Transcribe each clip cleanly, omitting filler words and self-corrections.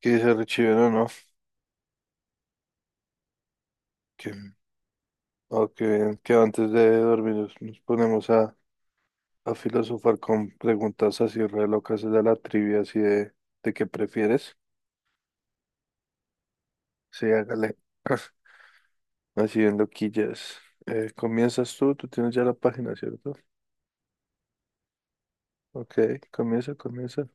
Que dice Richie, no, no, que, qué bien, que antes de dormir nos ponemos a filosofar con preguntas así re locas de la trivia, así de qué prefieres. Sí, hágale, así en loquillas. Comienzas tú, tienes ya la página, ¿cierto? Ok, comienza.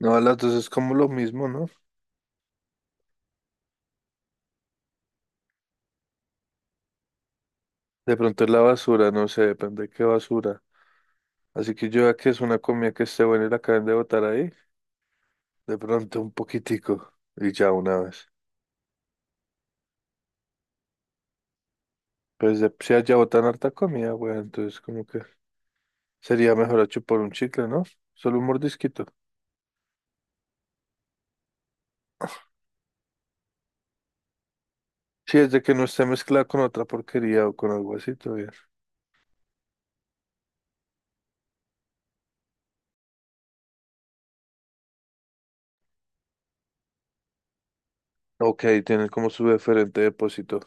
No, a las dos es como lo mismo, ¿no? De pronto es la basura, no sé, depende de qué basura. Así que yo ya que es una comida que esté buena y la acaben de botar ahí, de pronto un poquitico y ya una vez. Si allá botan harta comida, güey, entonces como que sería mejor a chupar un chicle, ¿no? Solo un mordisquito. Si es de que no esté mezclada con otra porquería o con algo así, todo bien. Ok, tienen como su diferente depósito.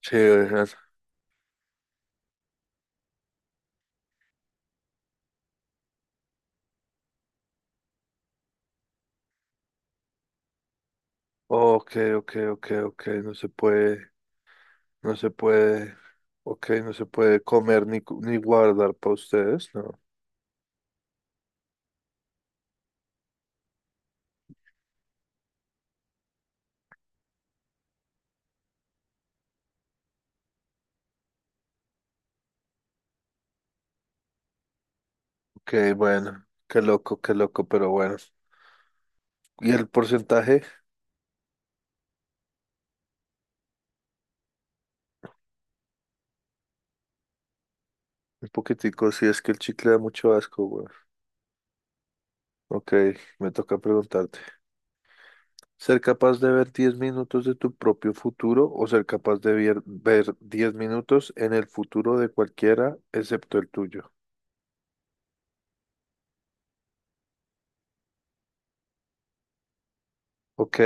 Sí, dejan. Ok, ok, no se puede, no se puede, ok, no se puede comer ni guardar para ustedes, ¿no? Ok, bueno, qué loco, pero bueno. ¿Y el porcentaje? Un poquitico, si es que el chicle da mucho asco, güey. Ok, me toca preguntarte. ¿Ser capaz de ver 10 minutos de tu propio futuro o ser capaz de ver 10 minutos en el futuro de cualquiera excepto el tuyo? Ok,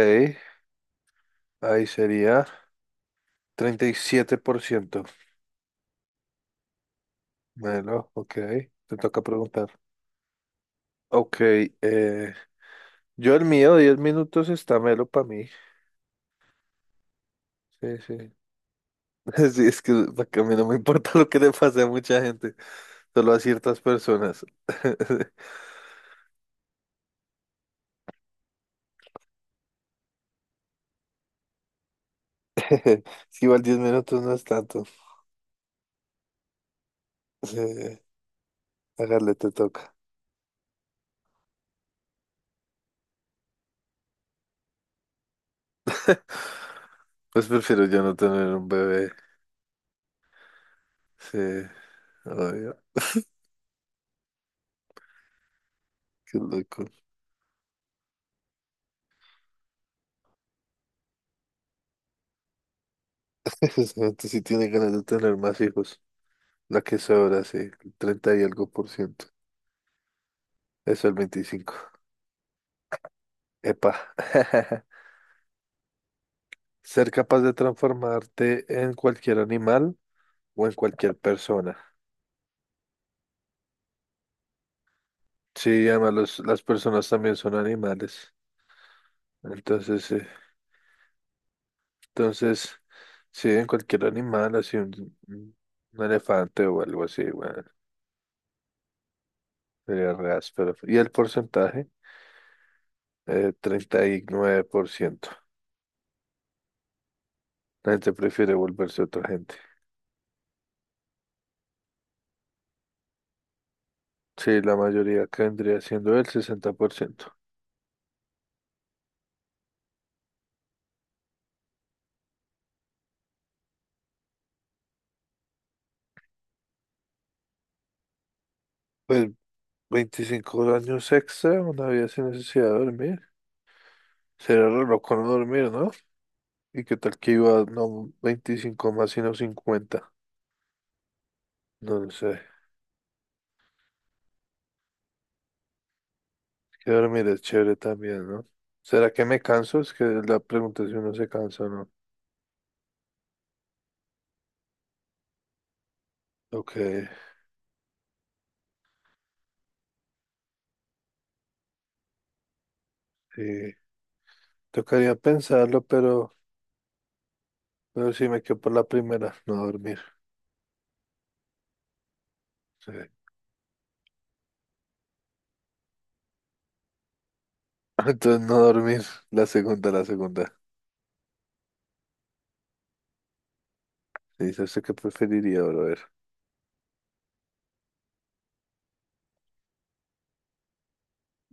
ahí sería 37%. Bueno, ok, te toca preguntar. Ok, eh, yo el mío, 10 minutos está melo para mí. Sí, sí. Sí, es que para a mí no me importa lo que le pase a mucha gente, solo a ciertas personas. Es que igual 10 minutos no es tanto. Sí, hágale, te toca. Pues prefiero ya no tener un bebé. Sí, obvio. Qué loco. Esa gente sí tiene ganas de tener más hijos. La que sobra, sí. El 30 y algo por ciento. Eso el veinticinco, epa. Ser capaz de transformarte en cualquier animal o en cualquier persona. Sí, además las personas también son animales. Entonces, sí. Entonces, sí, en cualquier animal, así un elefante o algo así, güey. Sería re áspero. ¿Y el porcentaje? Treinta y nueve por ciento. La gente prefiere volverse otra gente. Sí, la mayoría acá vendría siendo el 60%. Pues veinticinco años extra, una vida sin necesidad de dormir. Sería re loco no dormir, ¿no? ¿Y qué tal que iba, no 25 más, sino 50? No lo sé. Que dormir es chévere también, ¿no? ¿Será que me canso? Es que la pregunta es si uno se cansa o no. Ok, sí. Tocaría pensarlo, pero... pero sí me quedo por la primera, no dormir. Sí. Entonces no dormir, la segunda. Sí, dice usted que preferiría, ver.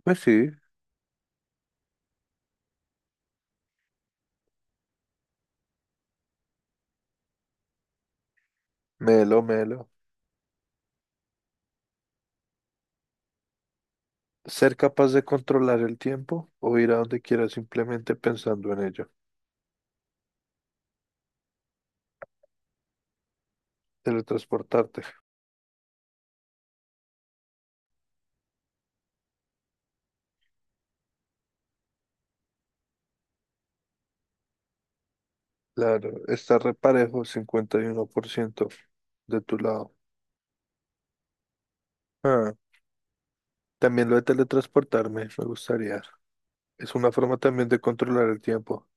Pues sí, melo, melo. Ser capaz de controlar el tiempo o ir a donde quieras simplemente pensando en ello. Teletransportarte. Claro, está reparejo, 51% de tu lado. Ah, también lo de teletransportarme, me gustaría. Es una forma también de controlar el tiempo.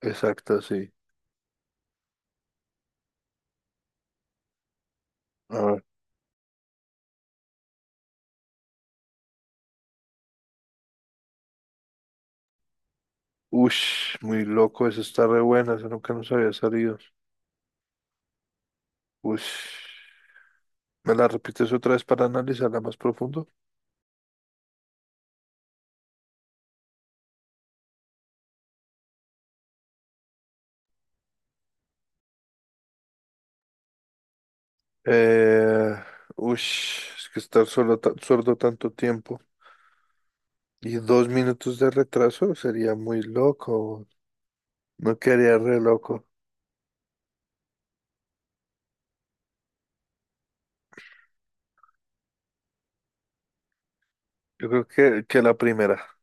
Exacto, sí. A ush, muy loco, eso está re buena, eso nunca nos había salido. Ush, ¿me la repites otra vez para analizarla más profundo? Eh, Ush, es que estar solo sordo tanto tiempo y dos minutos de retraso sería muy loco, no quedaría re loco. Yo creo que la primera.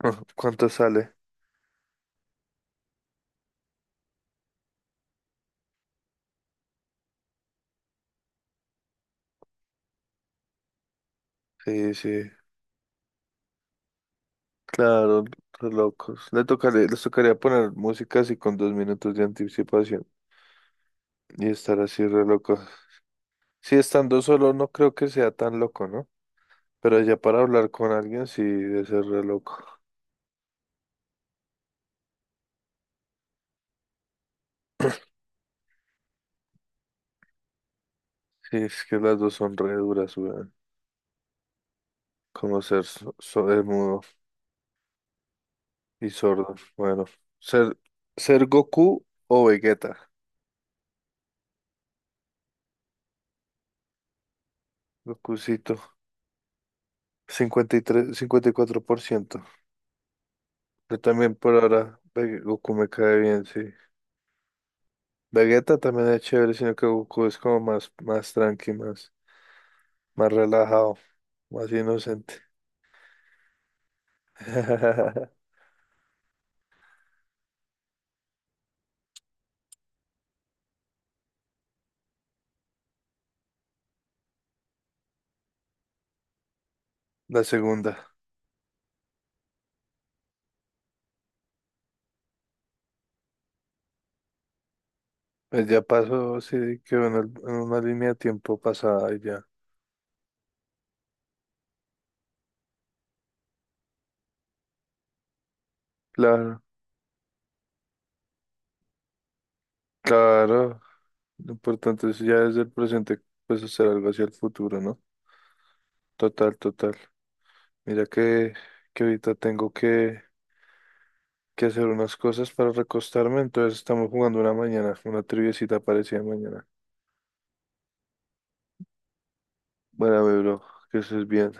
¿Cuánto sale? Sí, sí, claro, re locos. Les tocaría poner música así con dos minutos de anticipación y estar así re loco. Sí, estando solo no creo que sea tan loco, ¿no? Pero ya para hablar con alguien sí debe ser re loco. Sí, es que las dos son re duras, weón. Como ser mudo y sordo. Bueno, ser, ser Goku o Vegeta. Gokucito, cincuenta y cuatro por ciento. Yo también por ahora, Goku me cae bien, sí. Vegeta también es chévere, sino que Goku es como más tranqui, más relajado, más inocente. La segunda. Pues ya pasó, sí, quedó en una línea de tiempo pasada y ya. Claro, claro. Lo importante es ya desde el presente, pues hacer algo hacia el futuro, ¿no? Total, total. Mira que ahorita tengo que hacer unas cosas para recostarme, entonces estamos jugando una mañana, una triviecita parecida mañana. Bueno, mi bro, que estés bien.